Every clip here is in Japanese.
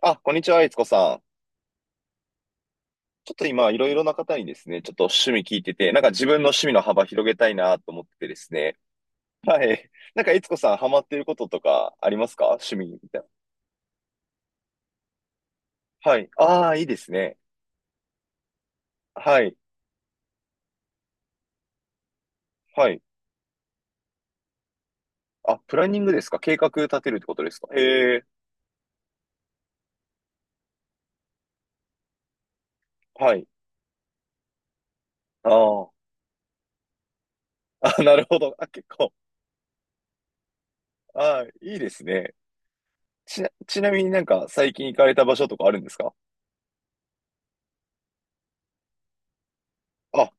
あ、こんにちは、いつこさん。ちょっと今、いろいろな方にですね、ちょっと趣味聞いてて、なんか自分の趣味の幅広げたいなと思っててですね。はい。なんか、いつこさん、ハマっていることとかありますか？趣味みたいな。はい。ああ、いいですね。はい。はい。あ、プランニングですか？計画立てるってことですか？へえ。はい。ああ。あ、なるほど。あ、結構。ああ、いいですね。ちなみになんか、最近行かれた場所とかあるんですか？あ、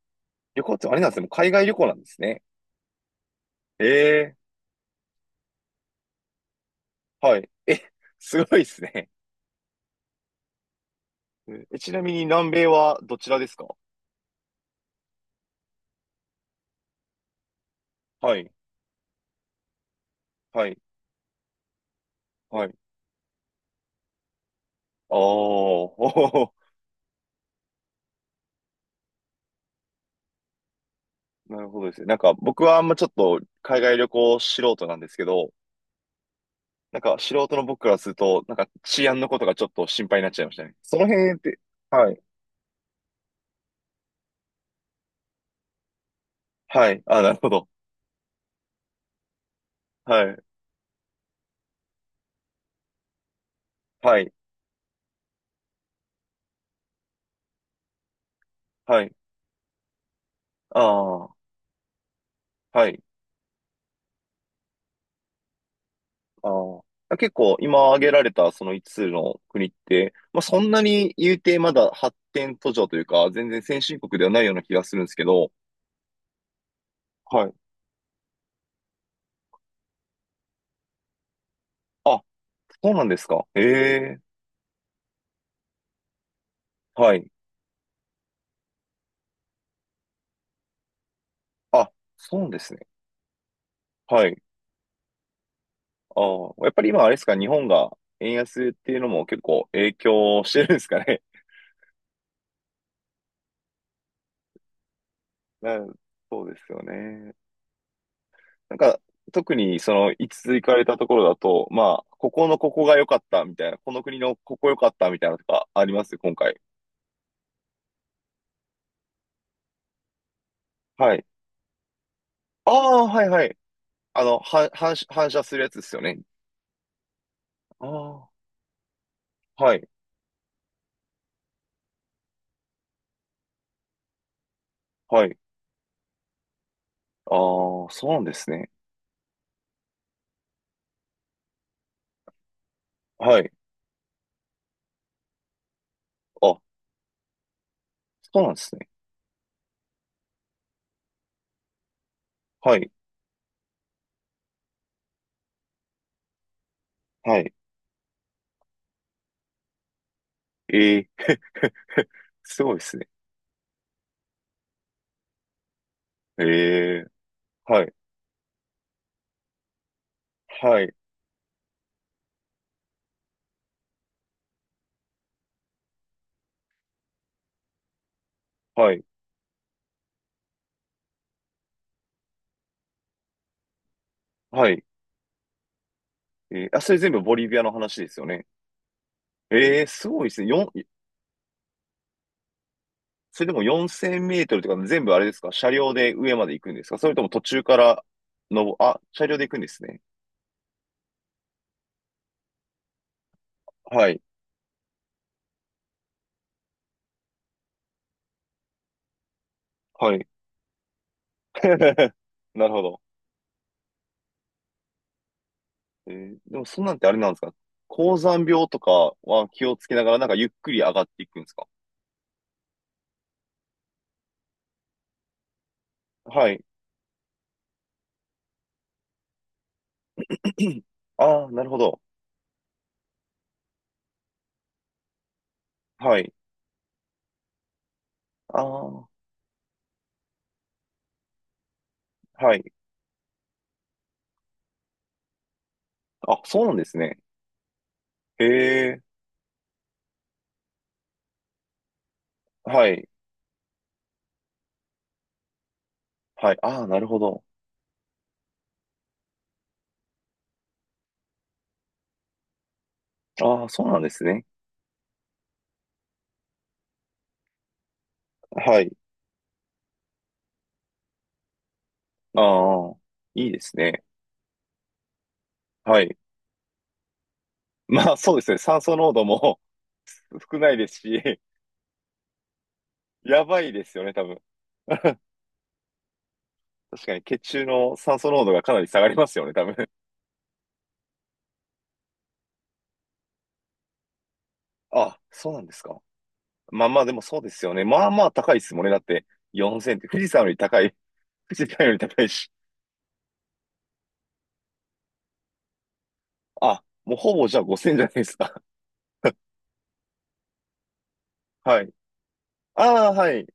旅行ってあれなんですね。もう海外旅行なんですね。ええ。はい。え、すごいですね。うん、え、ちなみに南米はどちらですか？はい、はい、はい。ああ、おー。 なるほどですね。なんか僕はあんまちょっと海外旅行素人なんですけど、なんか素人の僕からすると、なんか治安のことがちょっと心配になっちゃいましたね。その辺って、はい、はい、あ、なるほど。はい、はい、はい、ああ、はい、ああ。結構今挙げられたその5つつの国って、まあ、そんなに言うてまだ発展途上というか、全然先進国ではないような気がするんですけど、はい。あ、そうなんですか。ええ、はい。あ、そうですね。はい。あー、やっぱり今あれですか、日本が円安っていうのも結構影響してるんですかね。な、そうですよね。なんか、特にその、いつ行かれたところだと、まあ、ここのここが良かったみたいな、この国のここ良かったみたいなのとかあります、今回。はい。ああ、はいはい。あの、は、反射、反射するやつですよね。ああ、はい、はい。ああ、そうなんですね。はい。あ、そうなんですね。はい。はい。ええー。 すごいですね。ええー、はい、はい、はい、はい。えー、あ、それ全部ボリビアの話ですよね。ええー、すごいですね。四、それでも4000メートルとか全部あれですか？車両で上まで行くんですか？それとも途中から、の、あ、車両で行くんですね。はい、はい。なるほど。えー、でもそんなんってあれなんですか？高山病とかは気をつけながらなんかゆっくり上がっていくんですか？はい。ああ、なるほど。はい。ああ、はい。あ、そうなんですね。へえ、はい、はい。ああ、なるほど。ああ、そうなんですね。はい。ああ、いいですね。はい。まあ、そうですね。酸素濃度も 少ないですし、やばいですよね、多分。確かに血中の酸素濃度がかなり下がりますよね、多分。あ、そうなんですか。まあまあ、でもそうですよね。まあまあ高いですもんね。だって、4000って、富士山より高い。富士山より高いし。あ、もうほぼじゃあ5000じゃないですか。はい。ああ、はい。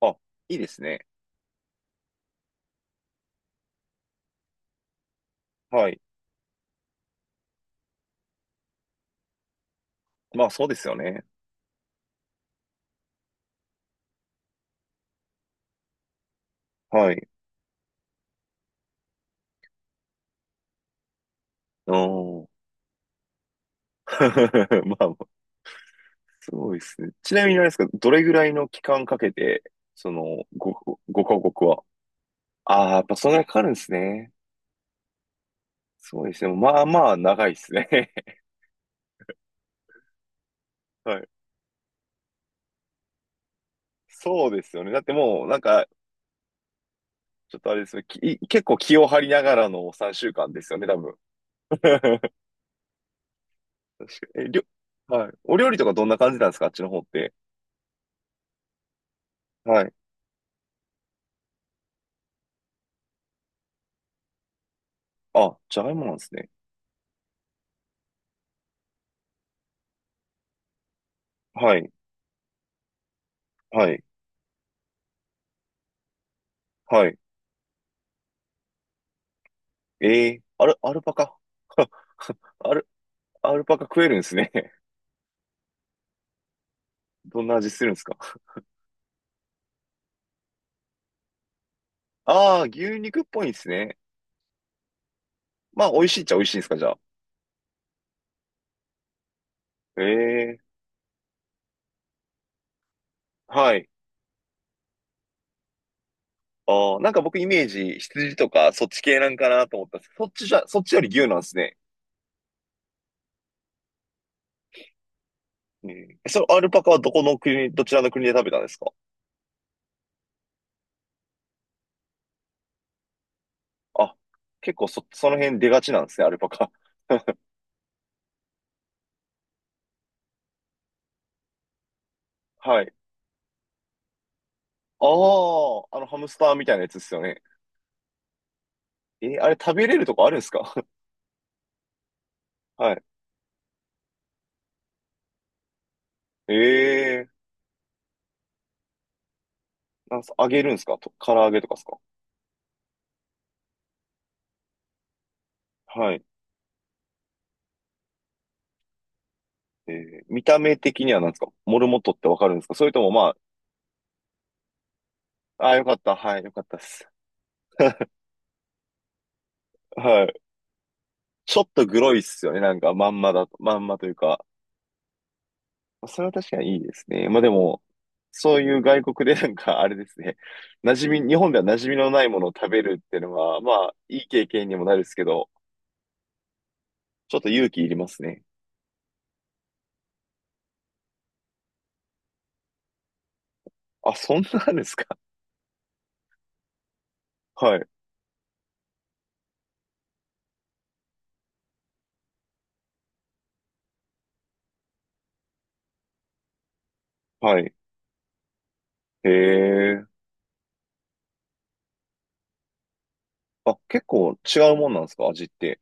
あ、いいですね。はい。まあ、そうですよね。はい。おー。まあ、すごいですね。ちなみにあれですか、どれぐらいの期間かけて、その、ご、ごカ国は。ああ、やっぱそんなにかかるんですね。そうですね。まあまあ、長いですね。はい。そうですよね。だってもう、なんか、ちょっとあれですね。結構気を張りながらの3週間ですよね、多分。確かに。え、りょ、はい。お料理とかどんな感じなんですか？あっちの方って。はい。あ、じゃがいもなんですね。はい。はい。はい。えー、アルパカ。アルパカ食えるんですね。どんな味するんですか？ああー、牛肉っぽいんですね。まあ、美味しいっちゃ美味しいんですか、じゃあ。ええ、はい。ああ、なんか僕イメージ、羊とかそっち系なんかなと思ったんですけど、そっちより牛なんですね。ええ、そのアルパカはどちらの国で食べたんですか？あ、結構その辺出がちなんですね、アルパカ。はい。ああ、あのハムスターみたいなやつですよね。えー、あれ食べれるとこあるんですか？ はい。ええ、なんす、揚げるんですか？と、唐揚げとかですか？はい。えー、見た目的には何ですか？モルモットってわかるんですか？それともま、あ、ああ、よかった。はい、よかったです。はい。ちょっとグロいっすよね。なんか、まんまだと、まんまというか。それは確かにいいですね。まあでも、そういう外国で なんか、あれですね。馴染み、日本では馴染みのないものを食べるっていうのは、まあ、いい経験にもなるんですけど、ちょっと勇気いりますね。あ、そんなんですか？ はい。はい。へえ。あ、結構違うもんなんですか？味って。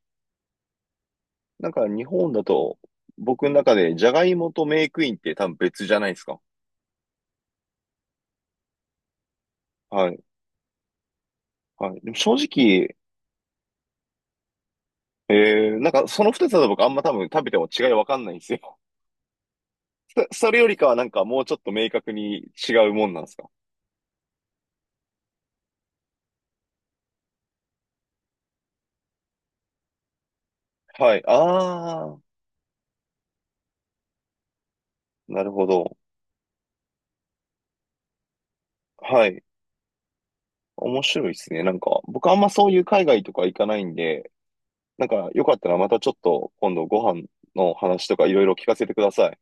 なんか日本だと、僕の中でジャガイモとメークインって多分別じゃないですか。はい。はい。でも正直、えー、なんかその二つだと僕あんま多分食べても違いわかんないんですよ。それよりかはなんかもうちょっと明確に違うもんなんですか。はい。ああ、なるほど。はい。面白いですね。なんか、僕あんまそういう海外とか行かないんで、なんかよかったらまたちょっと今度ご飯の話とかいろいろ聞かせてください。